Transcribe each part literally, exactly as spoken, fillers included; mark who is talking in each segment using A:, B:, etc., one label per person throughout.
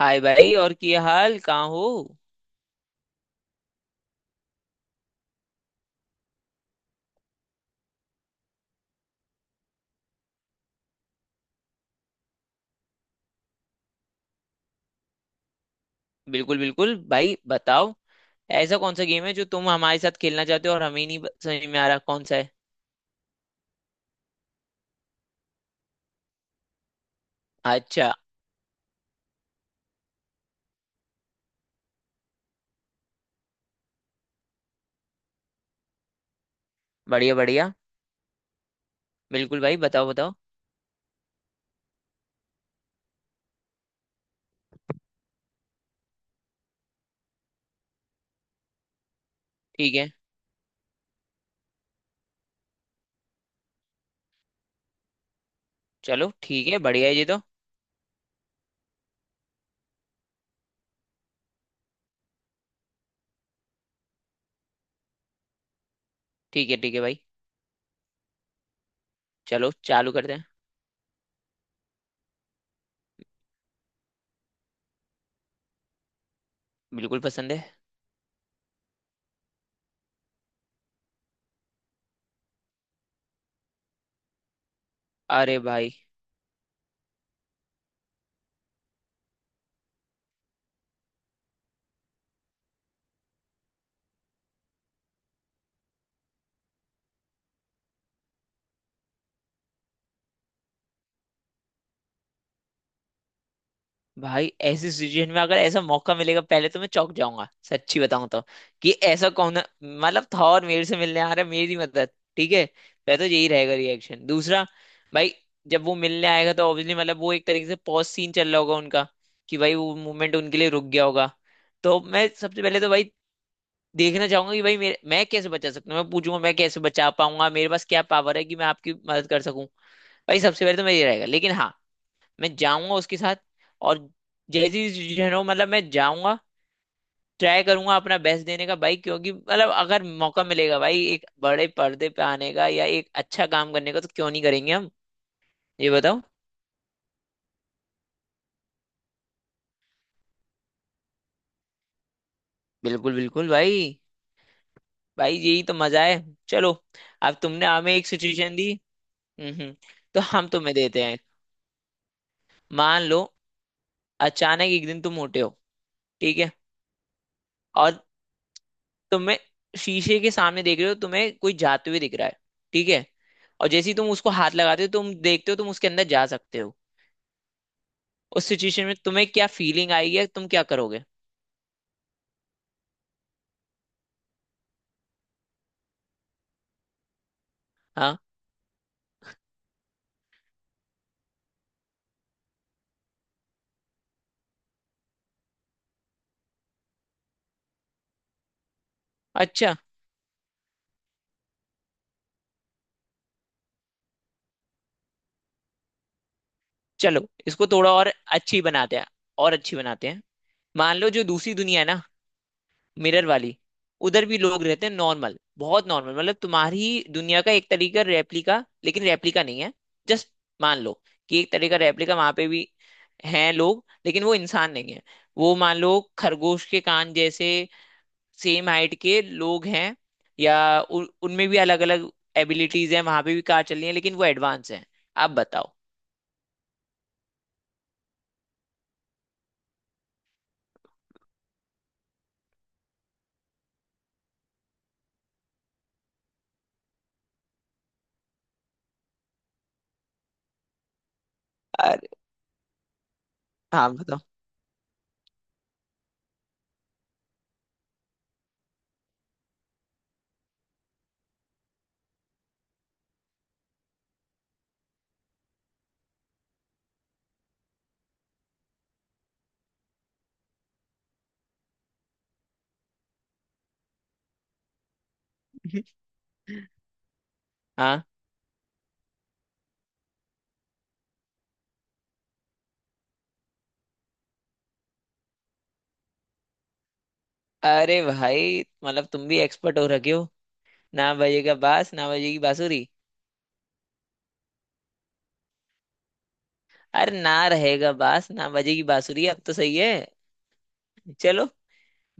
A: हाय भाई, और क्या हाल? कहाँ हो? बिल्कुल बिल्कुल भाई, बताओ। ऐसा कौन सा गेम है जो तुम हमारे साथ खेलना चाहते हो और हमें नहीं ब- समझ में आ रहा कौन सा है। अच्छा। बढ़िया बढ़िया। बिल्कुल भाई, बताओ बताओ। ठीक है। चलो ठीक है, बढ़िया है ये तो। ठीक है ठीक है भाई। चलो चालू करते हैं। बिल्कुल पसंद है। अरे भाई। भाई ऐसी सिचुएशन में अगर ऐसा मौका मिलेगा, पहले तो मैं चौंक जाऊंगा, सच्ची बताऊं तो। कि ऐसा कौन मतलब था और मेरे से मिलने आ रहा है मेरी मदद। ठीक है। पहले तो यही रहेगा रिएक्शन। दूसरा, भाई, जब वो मिलने आएगा तो ऑब्वियसली मतलब वो एक तरीके से पॉज सीन चल रहा होगा उनका। कि भाई वो मूवमेंट उनके लिए रुक गया होगा। तो मैं सबसे पहले तो भाई देखना चाहूंगा कि भाई मेरे, मैं कैसे बचा सकता हूँ, मैं पूछूंगा मैं कैसे बचा पाऊंगा, मेरे पास क्या पावर है कि मैं आपकी मदद कर सकूं। भाई सबसे पहले तो मैं ये रहेगा, लेकिन हाँ, मैं जाऊंगा उसके साथ। और जैसी सिचुएशन हो मतलब मैं जाऊंगा, ट्राई करूंगा अपना बेस्ट देने का, भाई क्योंकि मतलब अगर मौका मिलेगा भाई एक बड़े पर्दे पे आने का या एक अच्छा काम करने का, तो क्यों नहीं करेंगे हम। ये बताओ। बिल्कुल बिल्कुल भाई। भाई यही तो मजा है। चलो। अब तुमने हमें एक सिचुएशन दी। हम्म हम्म, तो हम तुम्हें देते हैं। मान लो अचानक एक दिन तुम मोटे हो। ठीक है। और तुम्हें शीशे के सामने देख रहे हो, तुम्हें कोई जाते हुए दिख रहा है। ठीक है। और जैसे ही तुम उसको हाथ लगाते हो, तुम देखते हो तुम उसके अंदर जा सकते हो। उस सिचुएशन में तुम्हें क्या फीलिंग आएगी या तुम क्या करोगे? हाँ। अच्छा। चलो इसको थोड़ा और अच्छी बनाते हैं। और अच्छी बनाते हैं। मान लो जो दूसरी दुनिया है ना, मिरर वाली, उधर भी लोग रहते हैं नॉर्मल, बहुत नॉर्मल मतलब तुम्हारी दुनिया का एक तरीका रेप्लिका, लेकिन रेप्लिका नहीं है। जस्ट मान लो कि एक तरीका रेप्लिका वहां पे भी हैं लोग, लेकिन वो इंसान नहीं है। वो मान लो खरगोश के कान जैसे सेम हाइट के लोग हैं। या उन- उनमें भी अलग अलग एबिलिटीज हैं, वहां पे भी कार चल रही है लेकिन वो एडवांस हैं। आप बताओ। हाँ। हाँ। अरे भाई मतलब तुम भी एक्सपर्ट हो रखे हो। ना बजेगा बास ना बजेगी बांसुरी। अरे ना रहेगा बास ना बजेगी बांसुरी, अब तो सही है। चलो।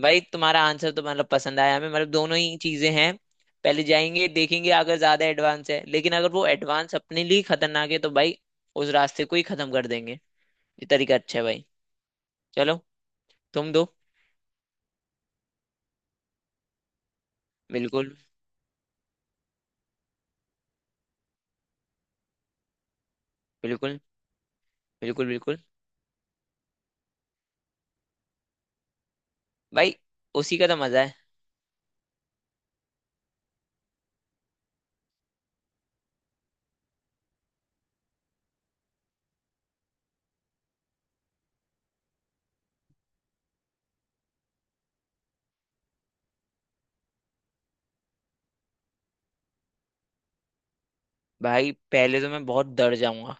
A: भाई तुम्हारा आंसर तो मतलब पसंद आया हमें, मतलब दोनों ही चीजें हैं। पहले जाएंगे देखेंगे अगर ज्यादा एडवांस है, लेकिन अगर वो एडवांस अपने लिए खतरनाक है तो भाई उस रास्ते को ही खत्म कर देंगे। ये तरीका अच्छा है भाई। चलो, तुम दो। बिल्कुल बिल्कुल बिल्कुल बिल्कुल भाई, उसी का तो मजा है। भाई पहले तो मैं बहुत डर जाऊंगा,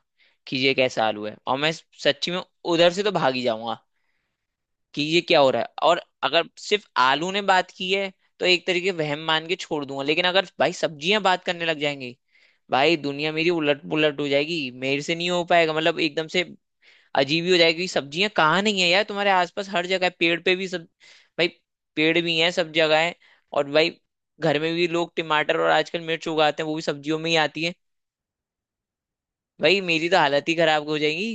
A: कि ये कैसा आलू है, और मैं सच्ची में उधर से तो भाग ही जाऊंगा। कि ये क्या हो रहा है। और अगर सिर्फ आलू ने बात की है तो एक तरीके वहम मान के छोड़ दूंगा, लेकिन अगर भाई सब्जियां बात करने लग जाएंगी, भाई दुनिया मेरी उलट पुलट हो जाएगी, मेरे से नहीं हो पाएगा मतलब एकदम से अजीब ही हो जाएगी। सब्जियां कहाँ नहीं है यार, तुम्हारे आसपास हर जगह है, पेड़ पे भी सब, भाई पेड़ भी हैं, सब जगह है। और भाई घर में भी लोग टमाटर और आजकल मिर्च उगाते हैं, वो भी सब्जियों में ही आती है। भाई मेरी तो हालत ही खराब हो जाएगी।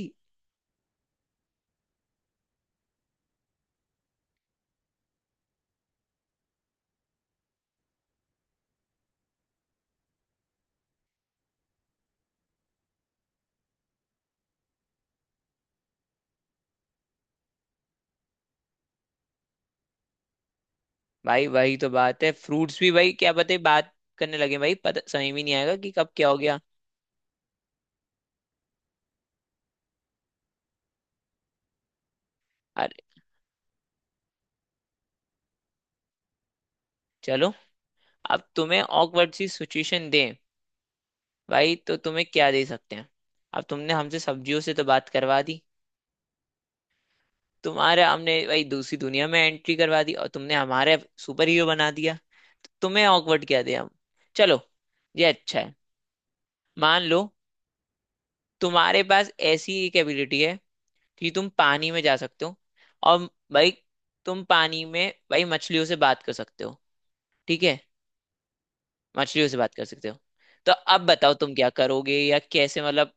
A: भाई वही तो बात है, फ्रूट्स भी भाई क्या पता ही बात करने लगे, भाई पता समझ भी नहीं आएगा कि कब क्या हो गया। अरे चलो, अब तुम्हें ऑकवर्ड सी सिचुएशन दें। भाई तो तुम्हें क्या दे सकते हैं, अब तुमने हमसे सब्जियों से तो बात करवा दी, तुम्हारे हमने भाई दूसरी दुनिया में एंट्री करवा दी, और तुमने हमारे सुपर हीरो बना दिया, तो तुम्हें ऑकवर्ड क्या दे हम। चलो, ये अच्छा है। मान लो तुम्हारे पास ऐसी एक एबिलिटी है कि तुम पानी में जा सकते हो, और भाई तुम पानी में भाई मछलियों से बात कर सकते हो। ठीक है, मछलियों से बात कर सकते हो। तो अब बताओ तुम क्या करोगे या कैसे मतलब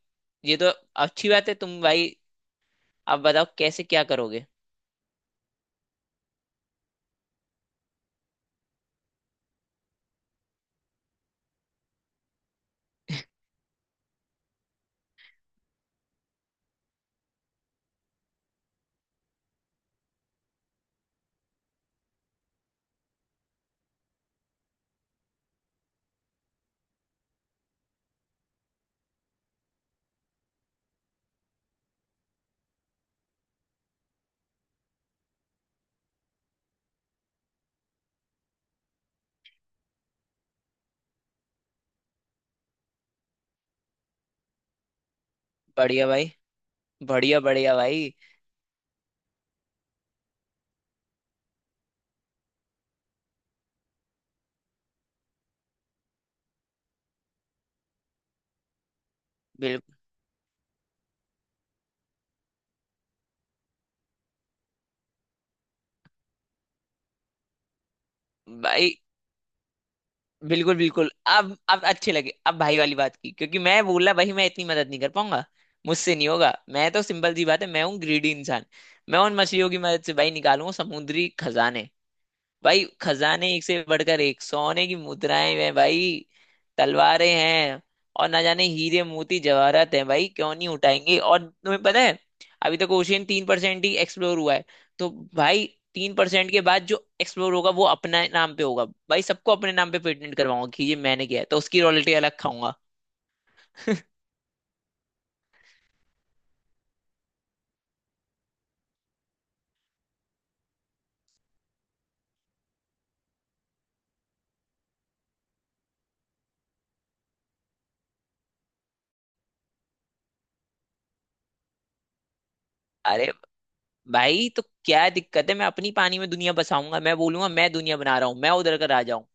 A: ये तो अच्छी बात है तुम भाई, अब बताओ कैसे क्या करोगे। बढ़िया भाई। बढ़िया बढ़िया भाई। बिल्कुल भाई। बिल्कुल बिल्कुल। अब अब अच्छे लगे, अब भाई वाली बात की, क्योंकि मैं बोला भाई मैं इतनी मदद नहीं कर पाऊंगा, मुझसे नहीं होगा। मैं तो सिंपल सी बात है, मैं हूँ ग्रीडी इंसान। मैं उन मछलियों की मदद से भाई निकालूंगा समुद्री खजाने। भाई खजाने एक से बढ़कर एक, सोने की मुद्राएं हैं भाई, तलवारें हैं, और ना जाने हीरे मोती जवाहरात हैं भाई, क्यों नहीं उठाएंगे। और तुम्हें पता है अभी तक ओशियन तीन परसेंट ही एक्सप्लोर हुआ है। तो भाई तीन परसेंट के बाद जो एक्सप्लोर होगा वो अपने नाम पे होगा। भाई सबको अपने नाम पे पेटेंट करवाऊंगा कि ये मैंने किया है, तो उसकी रॉयल्टी अलग खाऊंगा। अरे भाई तो क्या दिक्कत है, मैं अपनी पानी में दुनिया बसाऊंगा, मैं बोलूंगा मैं दुनिया बना रहा हूँ, मैं उधर का राजा हूँ।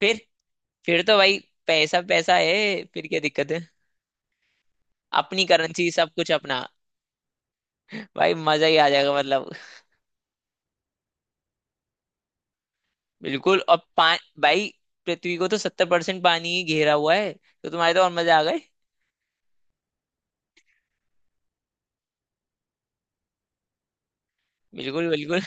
A: फिर फिर तो भाई पैसा पैसा है, फिर क्या दिक्कत है। अपनी करेंसी, सब कुछ अपना। भाई मजा ही आ जाएगा मतलब। बिल्कुल। और पा भाई पृथ्वी को तो सत्तर परसेंट पानी ही घेरा हुआ है, तो तुम्हारे तो और मजा आ गए। बिल्कुल बिल्कुल।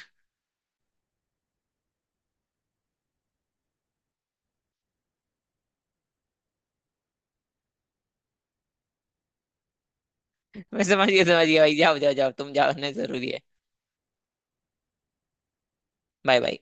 A: मैं समझ गया, समझ गया भाई, जाओ जाओ जाओ, तुम जाओ, नहीं जरूरी है। Bye bye.